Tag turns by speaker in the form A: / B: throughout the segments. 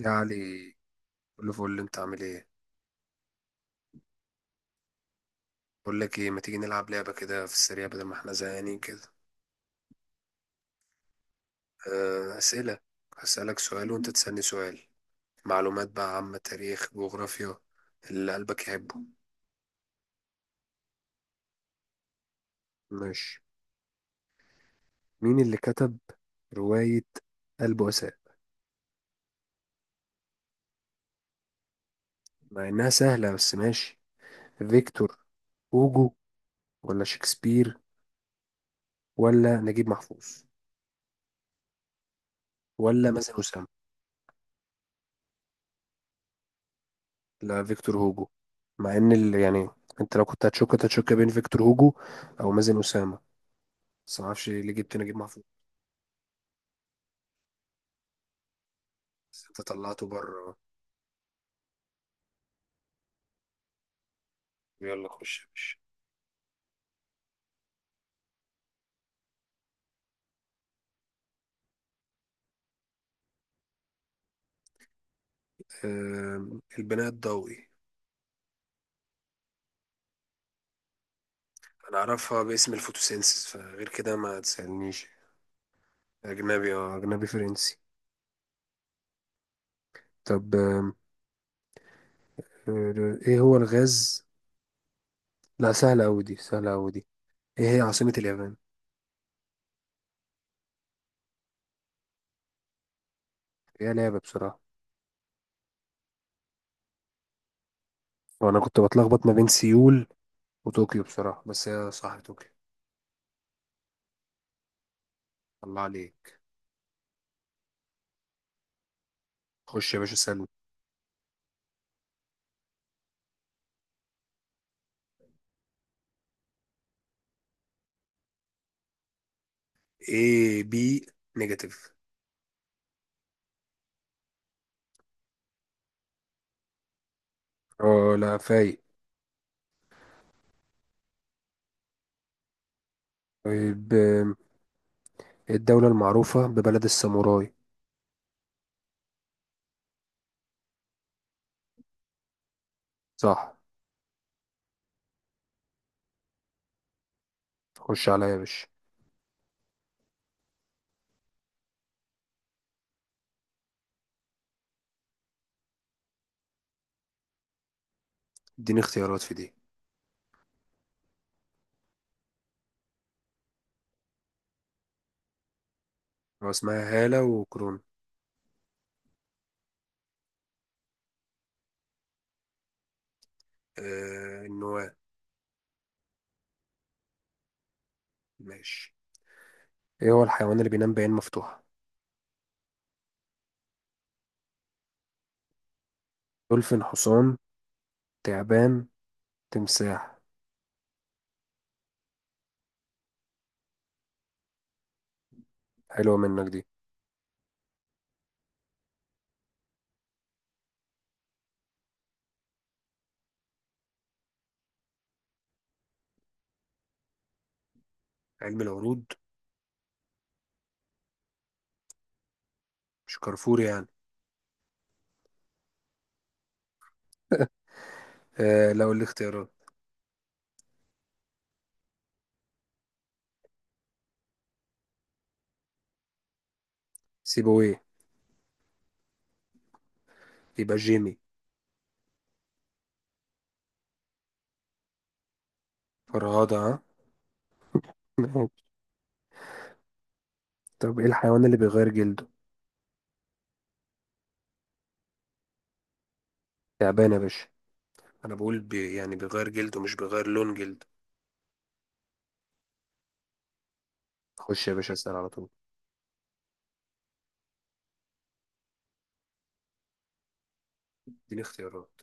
A: يا علي، كله فل. انت عامل ايه؟ بقول لك ايه، ما تيجي نلعب لعبه كده في السريع بدل ما احنا زهقانين كده. اسئله. هسألك سؤال وانت تسألني سؤال. معلومات بقى عامه، تاريخ، جغرافيا، اللي قلبك يحبه. ماشي. مين اللي كتب روايه البؤساء؟ مع انها سهله بس ماشي. فيكتور هوجو، ولا شكسبير، ولا نجيب محفوظ، ولا مثلا. لا فيكتور هوجو. مع ان ال... يعني انت لو كنت هتشك كنت هتشك بين فيكتور هوجو او مازن اسامه. بس ما اعرفش ليه جبت نجيب محفوظ. بس انت طلعته بره. يلا خش يا باشا. البناء الضوئي. انا اعرفها باسم الفوتوسينسيس، فغير كده ما تسالنيش. اجنبي، اه اجنبي فرنسي. طب ايه هو الغاز؟ لا سهله قوي دي، سهله قوي دي. ايه هي عاصمه اليابان؟ هي لعبه بصراحه. وانا كنت بتلخبط ما بين سيول وطوكيو بصراحه، بس هي صح طوكيو. الله عليك. خش يا باشا سلمى. اي بي نيجاتيف. اه لا فايق. طيب الدولة المعروفة ببلد الساموراي. صح. خش عليا يا باشا. اديني اختيارات في دي. هو اسمها هالة وكرون؟ النواه. ماشي. ايه هو الحيوان اللي بينام بعين مفتوحة؟ دولفين، حصان، تعبان، تمساح. حلوة منك دي. علم العروض. مش كارفور يعني. لو اللي اختيارات. سيبويه. يبقى جيمي. فرهاده ها. طب ايه الحيوان اللي بيغير جلده؟ تعبان يا باشا. انا بقول بي يعني بيغير جلده مش بيغير لون جلده. خش يا باشا اسأل على طول. اديني اختيارات.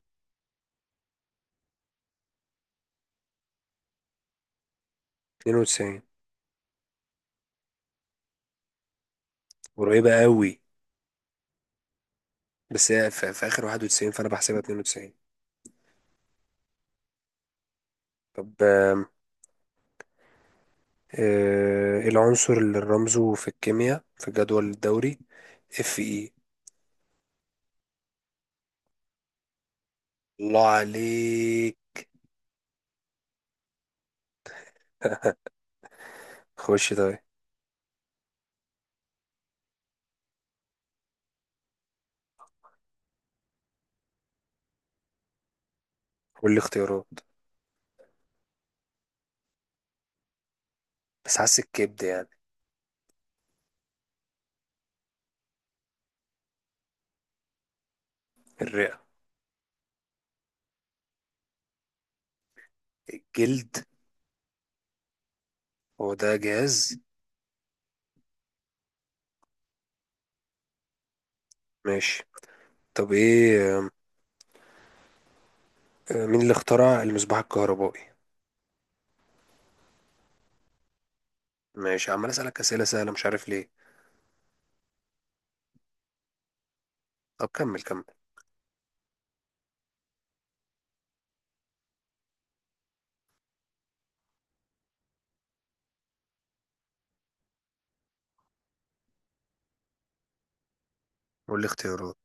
A: 92. قريبة قوي. بس هي في آخر 91 فأنا بحسبها 92. طب إيه العنصر اللي رمزه في الكيمياء في الجدول الدوري؟ اف اي. الله عليك. خش طيب. قول لي اختيارات. بس حاسس الكبد يعني. الرئة. الجلد. هو ده جهاز؟ ماشي. طب ايه مين اللي اخترع المصباح الكهربائي؟ ماشي، عمال أسألك أسئلة سهلة مش عارف ليه. طب كمل كمل. قول لي اختيارات.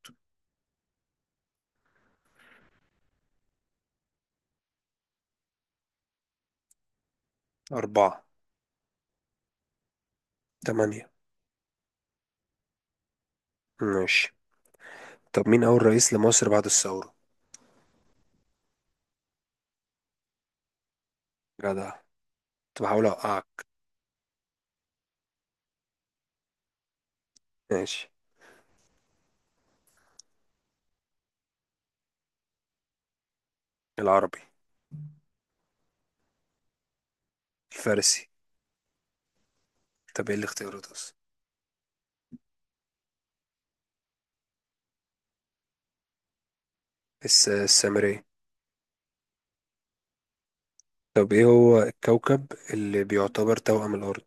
A: أربعة. تمانية. ماشي. طب مين أول رئيس لمصر بعد الثورة؟ جدع. كنت بحاول أوقعك. ماشي. العربي. الفارسي. طب إيه الاختيارات أصلا؟ السامري. طب إيه هو الكوكب اللي بيعتبر توأم الأرض؟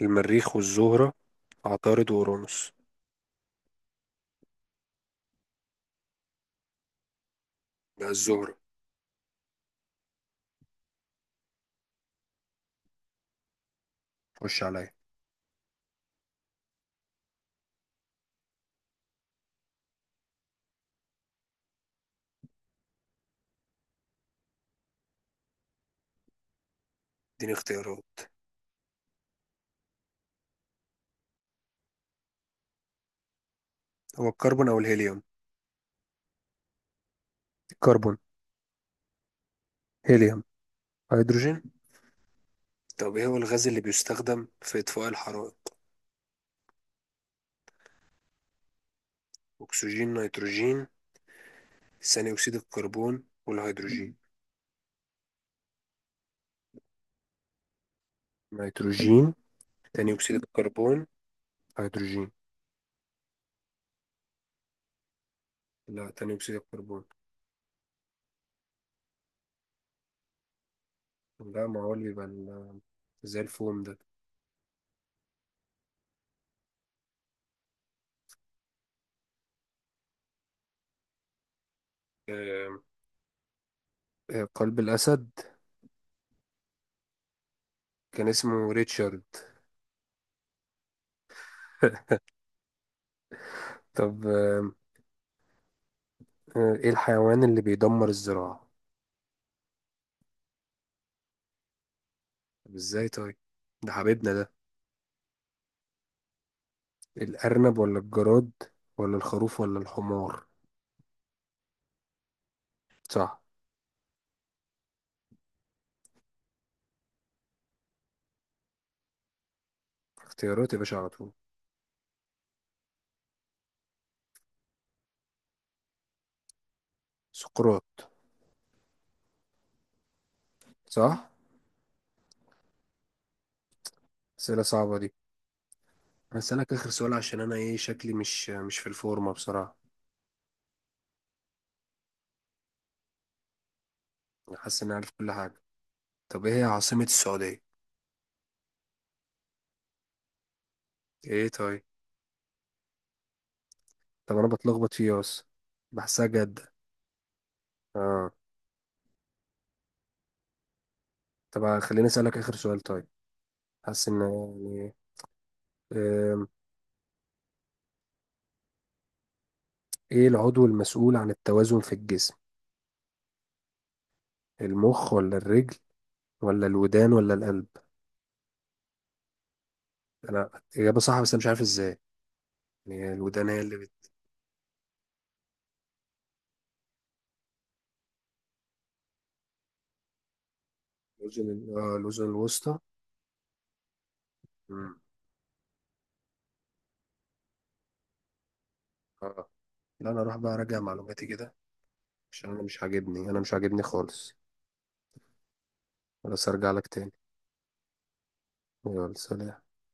A: المريخ والزهرة، عطارد وأورانوس. لا الزهرة. خش عليا. اديني اختيارات. هو الكربون أو الهيليوم. الكربون. هيليوم. هيدروجين. طب ايه هو الغاز اللي بيستخدم في إطفاء الحرائق؟ أكسجين، نيتروجين، ثاني أكسيد الكربون، والهيدروجين. نيتروجين. ثاني أكسيد الكربون. هيدروجين. لا ثاني أكسيد الكربون. لا ما هو اللي بيبقى زي الفوم ده. آم، قلب الأسد. كان اسمه ريتشارد. طب ايه الحيوان اللي بيدمر الزراعة؟ طب ازاي طيب؟ ده حبيبنا ده. الأرنب ولا الجراد، ولا الخروف ولا الحمار. صح. اختيارات يا باشا على طول. سقراط. صح. اسئله صعبه دي. هسألك اخر سؤال عشان انا ايه، شكلي مش في الفورمه بصراحه. أنا حاسس اني عارف كل حاجه. طب ايه هي عاصمه السعوديه؟ ايه طيب. طب انا بتلخبط فيه بس. بحسها جده. اه. طب خليني اسالك اخر سؤال طيب. حاسس ان، يعني، آم، ايه العضو المسؤول عن التوازن في الجسم؟ المخ ولا الرجل، ولا الودان ولا القلب. انا اجابه صح بس انا مش عارف ازاي. يعني الودان هي اللي بتوزن الاذن الوسطى. مم. اه لا انا اروح بقى اراجع معلوماتي كده، عشان انا مش عاجبني، انا مش عاجبني خالص. خلاص ارجع لك تاني. يلا سلام.